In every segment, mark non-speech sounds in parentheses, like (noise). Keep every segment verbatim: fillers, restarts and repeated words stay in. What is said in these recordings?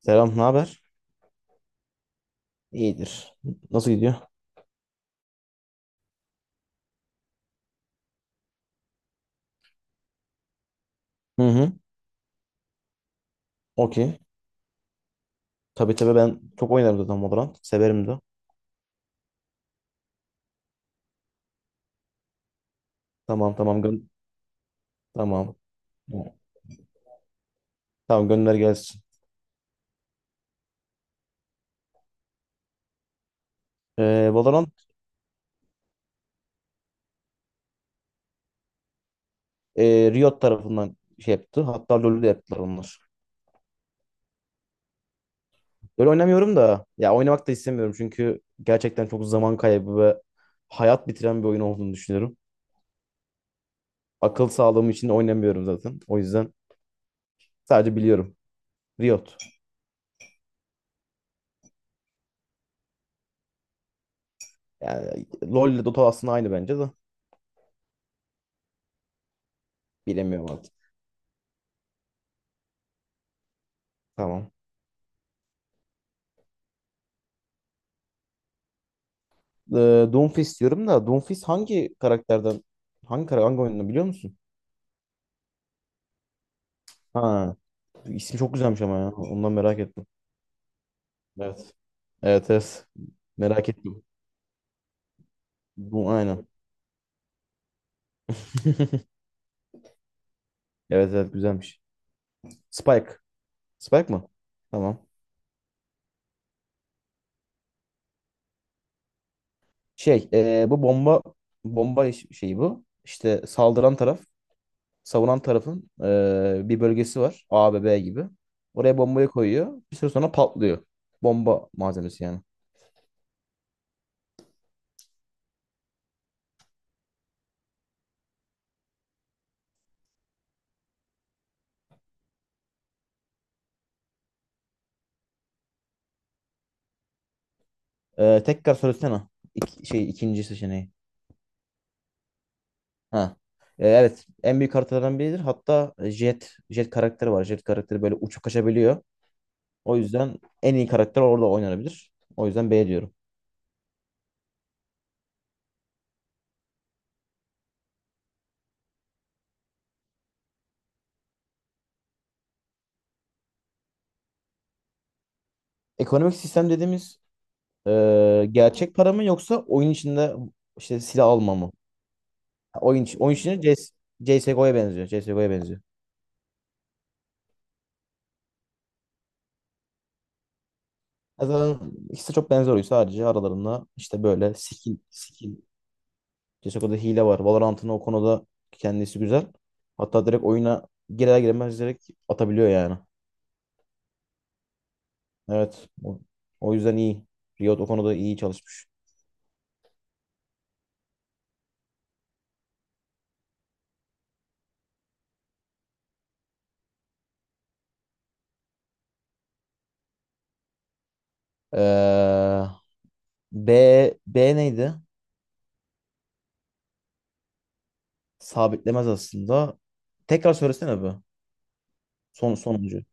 Selam, ne haber? İyidir. Nasıl gidiyor? Hı hı. Okey. Tabii tabii ben çok oynarım zaten Valorant. Severim de. Tamam tamam gö tamam. Tamam gönder gelsin. Ee, Valorant, e, Riot tarafından şey yaptı. Hatta LoL'ü de yaptılar onlar. LoL oynamıyorum da, ya oynamak da istemiyorum çünkü gerçekten çok zaman kaybı ve hayat bitiren bir oyun olduğunu düşünüyorum. Akıl sağlığım için de oynamıyorum zaten. O yüzden sadece biliyorum. Riot. Yani LoL ile Dota aslında aynı bence de. Bilemiyorum artık. Tamam. e, Doomfist diyorum da, Doomfist hangi karakterden, hangi kara- hangi oyundan biliyor musun? Ha, ismi çok güzelmiş ama ya. Ondan merak ettim. Evet. Evet, evet. Merak ettim. Bu aynen. (laughs) Evet, evet güzelmiş. Spike. Spike mı? Tamam. Şey, e, bu bomba bomba iş- şeyi bu. İşte, saldıran taraf, savunan tarafın, e, bir bölgesi var. A B B gibi. Oraya bombayı koyuyor. Bir süre sonra patlıyor. Bomba malzemesi yani. Ee, tekrar söylesene. İk- şey ikinci seçeneği. Ha. Ee, evet. En büyük haritalardan biridir. Hatta, e, Jet Jet karakteri var. Jet karakteri böyle uçup kaçabiliyor. O yüzden en iyi karakter orada oynanabilir. O yüzden B diyorum. Ekonomik sistem dediğimiz, e, gerçek para mı, yoksa oyun içinde işte silah alma mı? Ha, Oyun, iç- oyun içinde CS, C S G O'ya benziyor. C S G O'ya benziyor. Ya zaten ikisi de çok benzer oyun. Sadece aralarında işte böyle skin, skin. C S G O'da hile var. Valorant'ın o konuda kendisi güzel. Hatta direkt oyuna girer giremez direkt atabiliyor yani. Evet. O, o yüzden iyi. Riot o konuda iyi çalışmış. Ee, B, B neydi? Sabitlemez aslında. Tekrar söylesene bu. Son, sonuncu.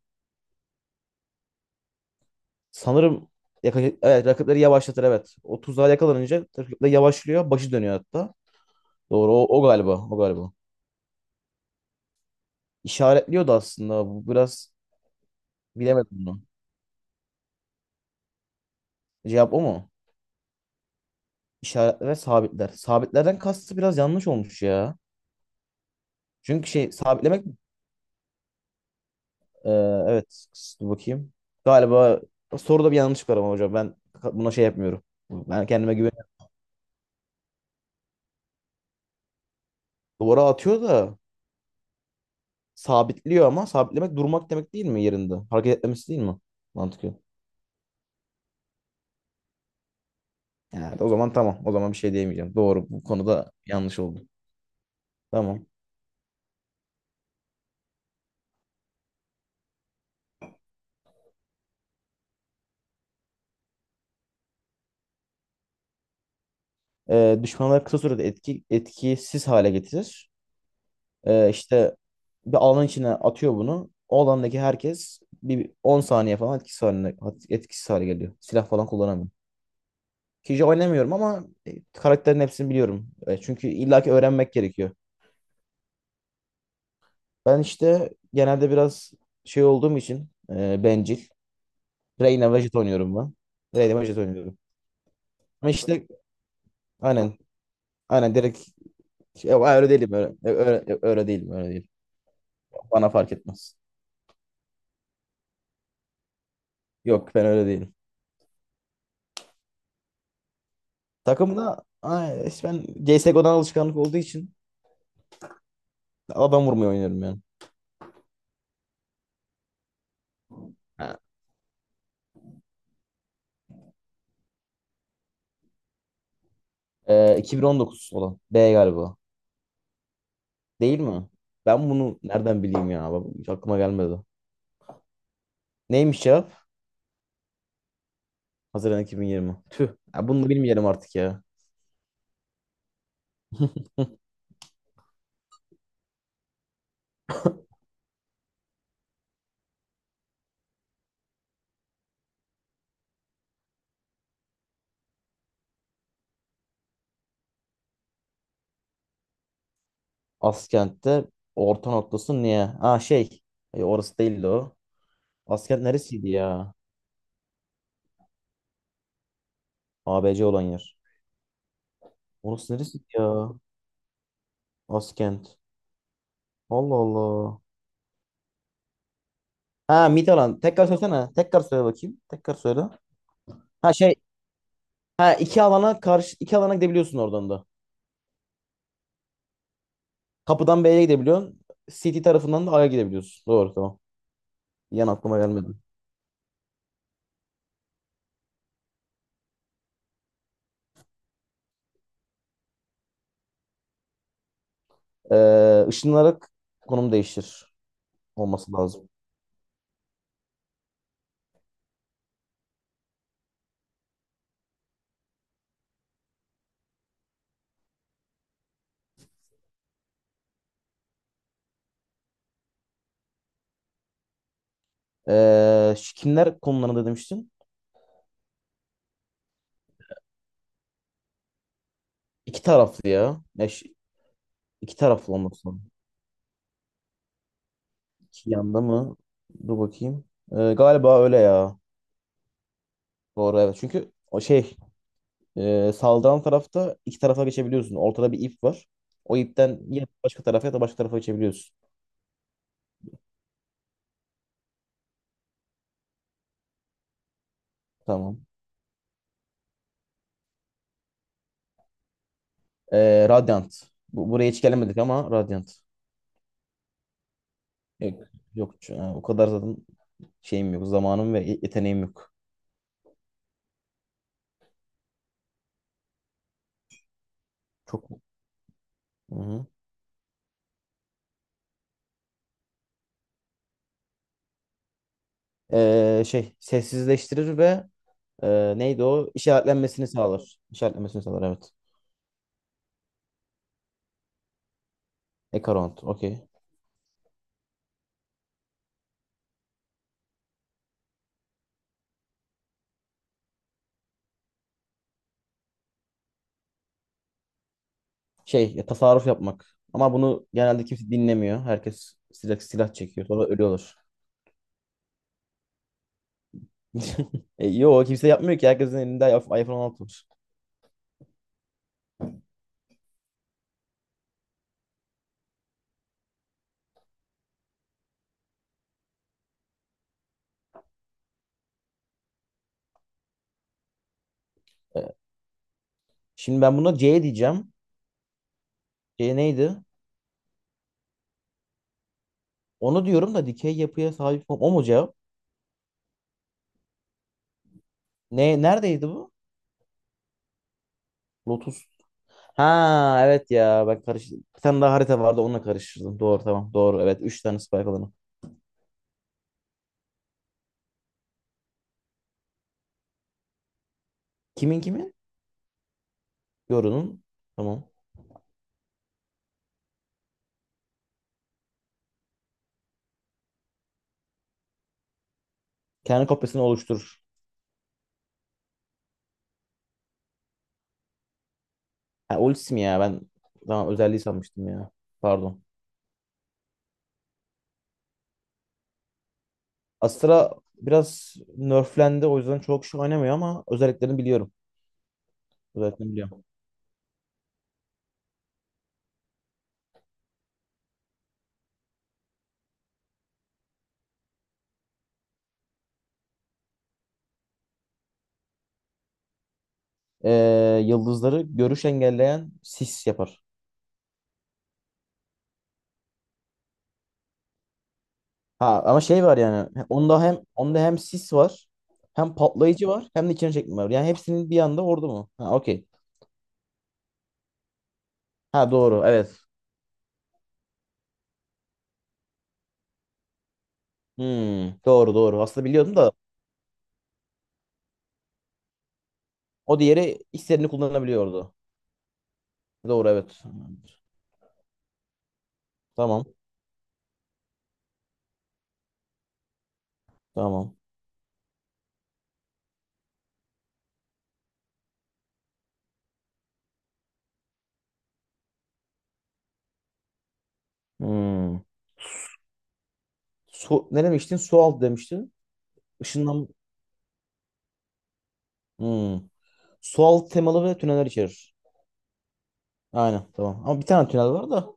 Sanırım yaka- evet, rakipleri yavaşlatır, evet. O tuzağa yakalanınca rakipler yavaşlıyor. Başı dönüyor hatta. Doğru, o, o galiba. O galiba. İşaretliyordu aslında. Bu biraz bilemedim bunu. Cevap o mu? İşaretler ve sabitler. Sabitlerden kastı biraz yanlış olmuş ya. Çünkü şey, sabitlemek, e, evet, dur bakayım. Galiba soruda bir yanlışlık var ama hocam ben buna şey yapmıyorum. Ben kendime güveniyorum. Duvara atıyor da sabitliyor ama sabitlemek durmak demek değil mi yerinde? Hareket etmemesi değil mi? Mantıklı. Evet, o zaman tamam. O zaman bir şey diyemeyeceğim. Doğru, bu konuda yanlış oldu. Tamam. E, düşmanları kısa sürede etki, etkisiz hale getirir. Ee, işte bir alanın içine atıyor bunu. O alandaki herkes bir on saniye falan etkisiz haline, etkisiz hale geliyor. Silah falan kullanamıyor. Kişi oynamıyorum ama, e, karakterin hepsini biliyorum. E, Çünkü illaki öğrenmek gerekiyor. Ben işte genelde biraz şey olduğum için, e, bencil. Reyna Vejit oynuyorum ben. Reyna Vejit oynuyorum. Ama işte, aynen aynen direkt. Ya, öyle değilim, öyle, öyle, öyle değilim, öyle değil. Bana fark etmez. Yok, ben öyle değilim. Takımda ay, işte ben C. CSGO'dan alışkanlık olduğu için adam vurmayı oynuyorum yani. Ha. Ee, iki bin on dokuz olan. B galiba. Değil mi? Ben bunu nereden bileyim ya? Bak, hiç aklıma gelmedi. Neymiş cevap? Haziran iki bin yirmi. Tüh. Ya bunu da bilmeyelim artık ya. Askent'te orta noktası niye? Ha, şey. E, orası değildi o. Askent neresiydi ya? A B C olan yer. Orası neresiydi ya? Askent. Allah Allah. Ha, Mitalan. Tekrar söylesene. Tekrar söyle bakayım. Tekrar söyle. Ha şey. Ha, iki alana karşı iki alana gidebiliyorsun oradan da. Kapıdan B'ye gidebiliyorsun. City tarafından da A'ya gidebiliyorsun. Doğru, tamam. Yan aklıma gelmedi. Ee, ışınlanarak konum değiştir olması lazım. Ee, şu kimler konularında demiştin? İki taraflı ya. Ya, şu- iki taraflı olması lazım. İki yanda mı? Dur bakayım. Ee, galiba öyle ya. Doğru evet. Çünkü o şey, e, saldıran tarafta iki tarafa geçebiliyorsun. Ortada bir ip var. O ipten ya başka tarafa ya da başka tarafa geçebiliyorsun. Tamam. Ee, Radiant. Bu, buraya hiç gelemedik ama Radiant. Yok, yok. Ha, o kadar zaten şeyim yok. Zamanım ve yeteneğim yok. Çok. Hı-hı. Ee, şey sessizleştirir ve, e, neydi o? İşaretlenmesini sağlar. İşaretlenmesini sağlar, evet. Ekaront. Okey. Şey ya, tasarruf yapmak. Ama bunu genelde kimse dinlemiyor. Herkes silah, silah çekiyor. Sonra ölüyorlar. (laughs) e, yo kimse yapmıyor ki. Herkesin elinde iPhone on altı var. Şimdi ben buna C diyeceğim. C neydi? Onu diyorum da, dikey yapıya sahip, o o mu cevap? Ne neredeydi bu? Lotus. Ha, evet ya, bak karıştırdım. Bir tane daha harita vardı, onunla karıştırdım. Doğru tamam, doğru evet. Üç tane spike alanı. Kimin kimin? Yoru'nun. Tamam. Kendi kopyasını oluşturur. Ha, ultisi mi ya, ben tamam özelliği sanmıştım ya. Pardon. Astra biraz nerflendi, o yüzden çok şey oynamıyor ama özelliklerini biliyorum. Özelliklerini biliyorum. Ee, yıldızları görüş engelleyen sis yapar. Ha, ama şey var yani. Onda hem, onda hem sis var. Hem patlayıcı var. Hem de içine çekme var. Yani hepsinin bir anda vurdu mu? Ha, okey. Ha, doğru evet. Hmm, doğru doğru. Aslında biliyordum da, o diğeri istediğini kullanabiliyordu. Doğru evet. Tamam. Tamam. Hmm. Su, ne demiştin? Su altı demiştin. Işınlan... Hmm. Su altı temalı ve tüneller içerir. Aynen tamam. Ama bir tane tünel var da,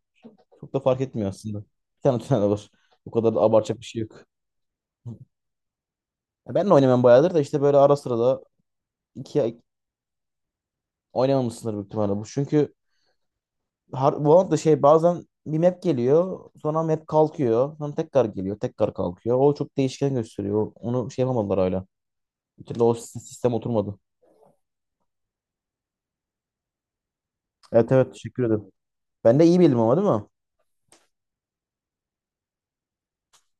çok da fark etmiyor aslında. Bir tane tünel var. O kadar da abartacak bir şey yok. Ya ben de oynamam bayağıdır da, işte böyle ara sıra da, iki ay oynamamışsındır büyük ihtimalle bu. Çünkü Har- Valorant da şey, bazen bir map geliyor, sonra map kalkıyor, sonra tekrar geliyor, tekrar kalkıyor. O çok değişken gösteriyor. Onu şey yapamadılar hala. Bir türlü o sis- sistem oturmadı. Evet evet, teşekkür ederim. Ben de iyi bildim ama, değil mi?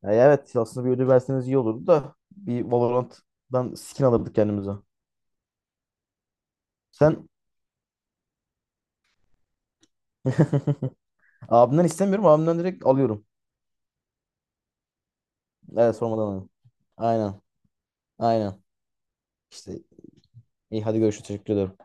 Yani evet, aslında bir ödül verseniz iyi olurdu da, bir Valorant'dan skin alırdık kendimize. Sen. (laughs) Abimden istemiyorum, abimden direkt alıyorum. Evet, sormadan alıyorum. Aynen aynen. İşte iyi, hadi görüşürüz, teşekkür ederim.